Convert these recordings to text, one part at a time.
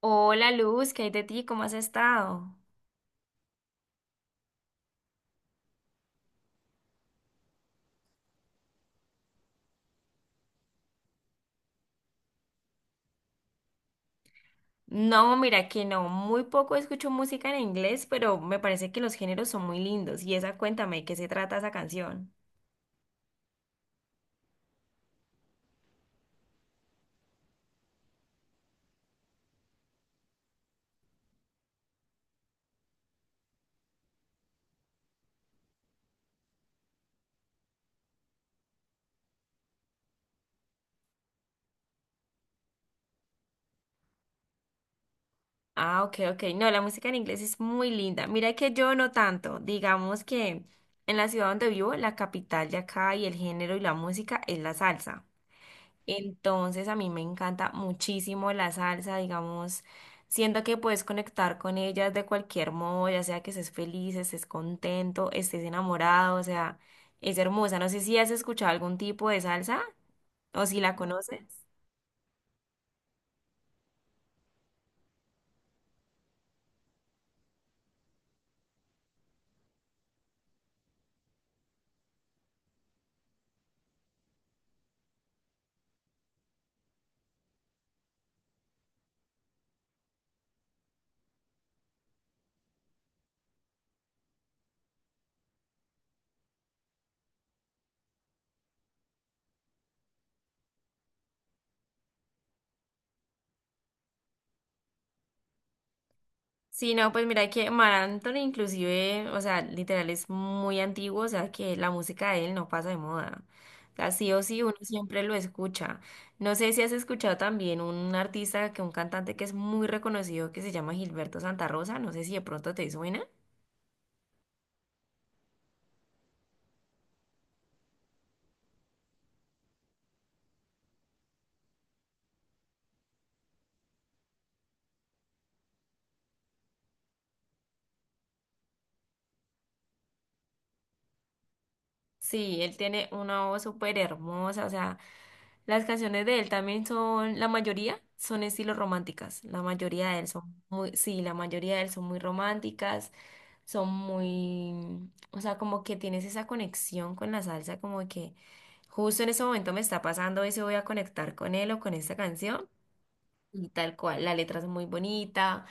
Hola Luz, ¿qué hay de ti? ¿Cómo has estado? No, mira que no, muy poco escucho música en inglés, pero me parece que los géneros son muy lindos. Y esa, cuéntame, ¿de qué se trata esa canción? Ah, ok, ok. No, la música en inglés es muy linda. Mira que yo no tanto. Digamos que en la ciudad donde vivo, la capital de acá y el género y la música es la salsa. Entonces a mí me encanta muchísimo la salsa, digamos, siento que puedes conectar con ellas de cualquier modo, ya sea que estés feliz, estés contento, estés enamorado, o sea, es hermosa. No sé si has escuchado algún tipo de salsa o si la conoces. Sí, no, pues mira que Mar Anthony inclusive, o sea, literal es muy antiguo, o sea, que la música de él no pasa de moda. O sea, sí o sí uno siempre lo escucha. No sé si has escuchado también un artista, que un cantante que es muy reconocido que se llama Gilberto Santa Rosa, no sé si de pronto te suena. Sí, él tiene una voz súper hermosa, o sea, las canciones de él también son, la mayoría son estilos románticas, la mayoría de él son muy, sí, la mayoría de él son muy románticas. Son muy, o sea, como que tienes esa conexión con la salsa, como que justo en ese momento me está pasando eso, voy a conectar con él o con esta canción y tal cual, la letra es muy bonita.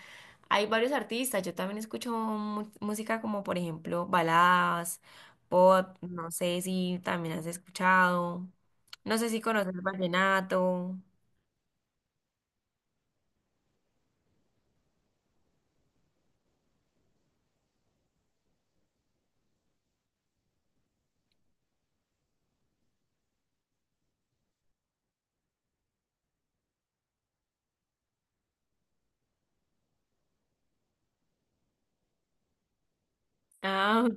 Hay varios artistas, yo también escucho música como por ejemplo baladas, pop, no sé si también has escuchado, no sé si conoces el vallenato. Ah.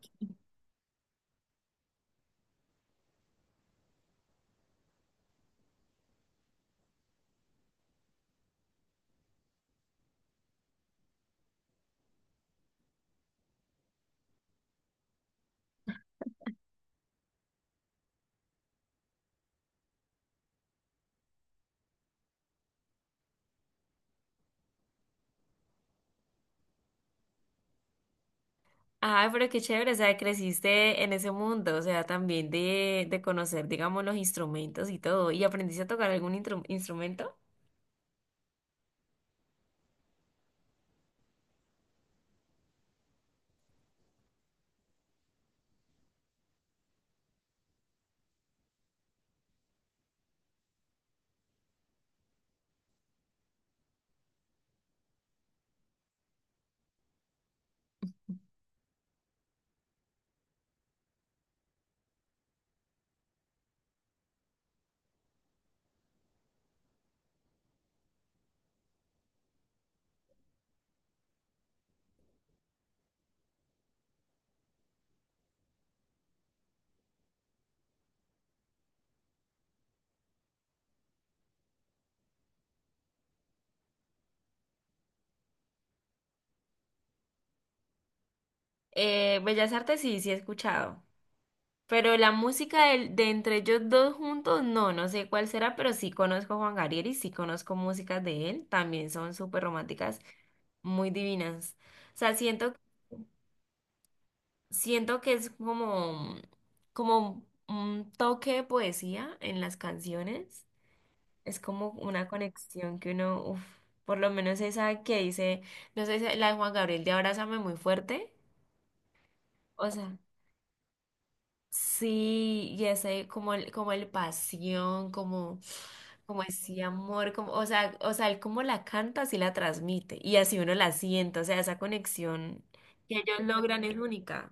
Ah, pero qué chévere, o sea, creciste en ese mundo, o sea, también de conocer, digamos, los instrumentos y todo. ¿Y aprendiste a tocar algún instrumento? Bellas Artes sí, sí he escuchado. Pero la música de, entre ellos dos juntos, no, no sé cuál será, pero sí conozco a Juan Gabriel y sí conozco músicas de él. También son súper románticas, muy divinas. O sea, siento, siento que es como, como un toque de poesía en las canciones. Es como una conexión que uno, uf, por lo menos esa que dice, no sé, la de Juan Gabriel de Abrázame muy fuerte. O sea, sí, y ese como el pasión, como, como ese amor, como, o sea, él como la canta, así la transmite. Y así uno la siente, o sea, esa conexión que ellos logran es única.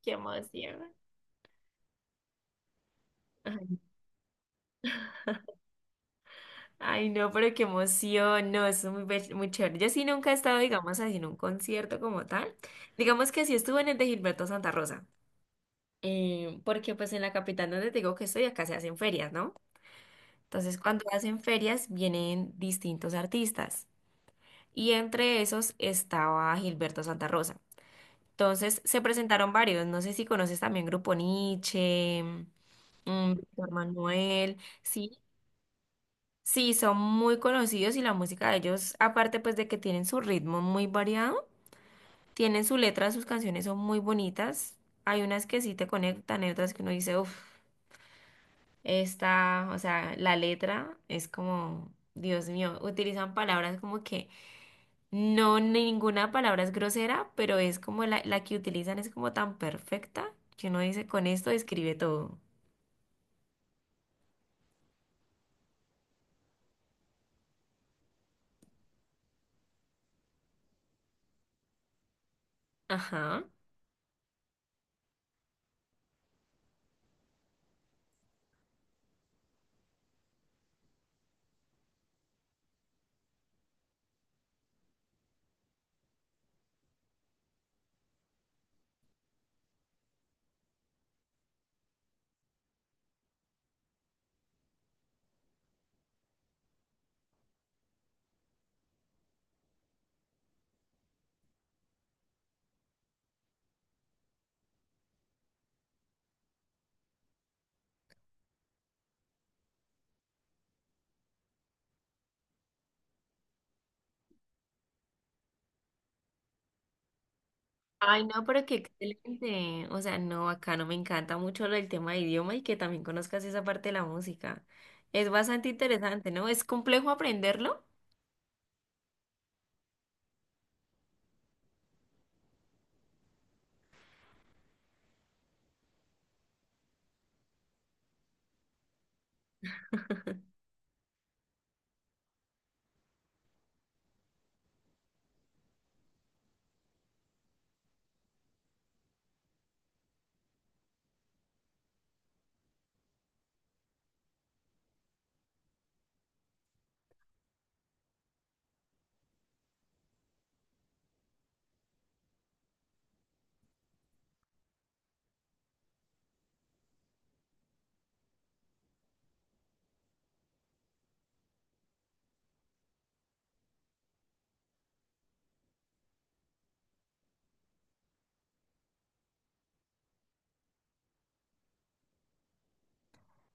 Qué emoción. Ay, no, pero qué emoción, no, eso es muy, muy chévere. Yo sí nunca he estado, digamos, así en un concierto como tal. Digamos que sí estuve en el de Gilberto Santa Rosa, porque pues en la capital donde te digo que estoy, acá se hacen ferias, ¿no? Entonces, cuando hacen ferias, vienen distintos artistas y entre esos estaba Gilberto Santa Rosa. Entonces, se presentaron varios, no sé si conoces también Grupo Nietzsche, Víctor Manuel, sí, sí, son muy conocidos y la música de ellos, aparte pues de que tienen su ritmo muy variado, tienen su letra, sus canciones son muy bonitas. Hay unas que sí te conectan, hay otras que uno dice, uff, esta, o sea, la letra es como, Dios mío, utilizan palabras como que no, ninguna palabra es grosera, pero es como la que utilizan es como tan perfecta que uno dice, con esto describe todo. Ajá. Ay, no, pero qué excelente. O sea, no, acá no me encanta mucho lo del tema de idioma y que también conozcas esa parte de la música. Es bastante interesante, ¿no? ¿Es complejo aprenderlo?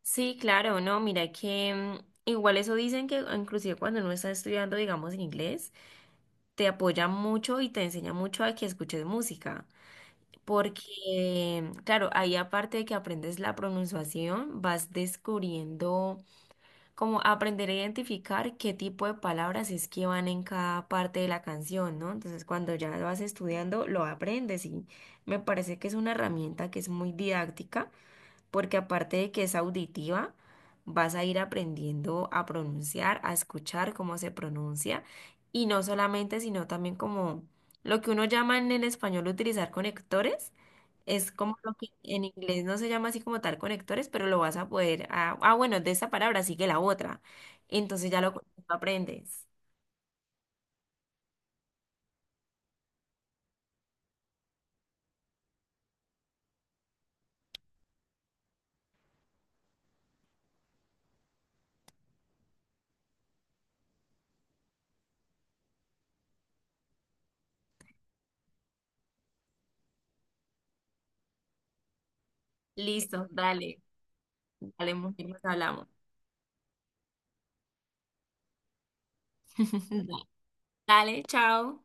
Sí, claro, no, mira que igual eso dicen que inclusive cuando uno está estudiando, digamos, en inglés, te apoya mucho y te enseña mucho a que escuches música. Porque, claro, ahí aparte de que aprendes la pronunciación, vas descubriendo como aprender a identificar qué tipo de palabras es que van en cada parte de la canción, ¿no? Entonces, cuando ya lo vas estudiando, lo aprendes y me parece que es una herramienta que es muy didáctica porque aparte de que es auditiva, vas a ir aprendiendo a pronunciar, a escuchar cómo se pronuncia, y no solamente, sino también como lo que uno llama en el español utilizar conectores, es como lo que en inglés no se llama así como tal conectores, pero lo vas a poder, bueno, de esta palabra sigue la otra, entonces ya lo aprendes. Listo, dale, dale, mujer, nos hablamos. Dale, chao.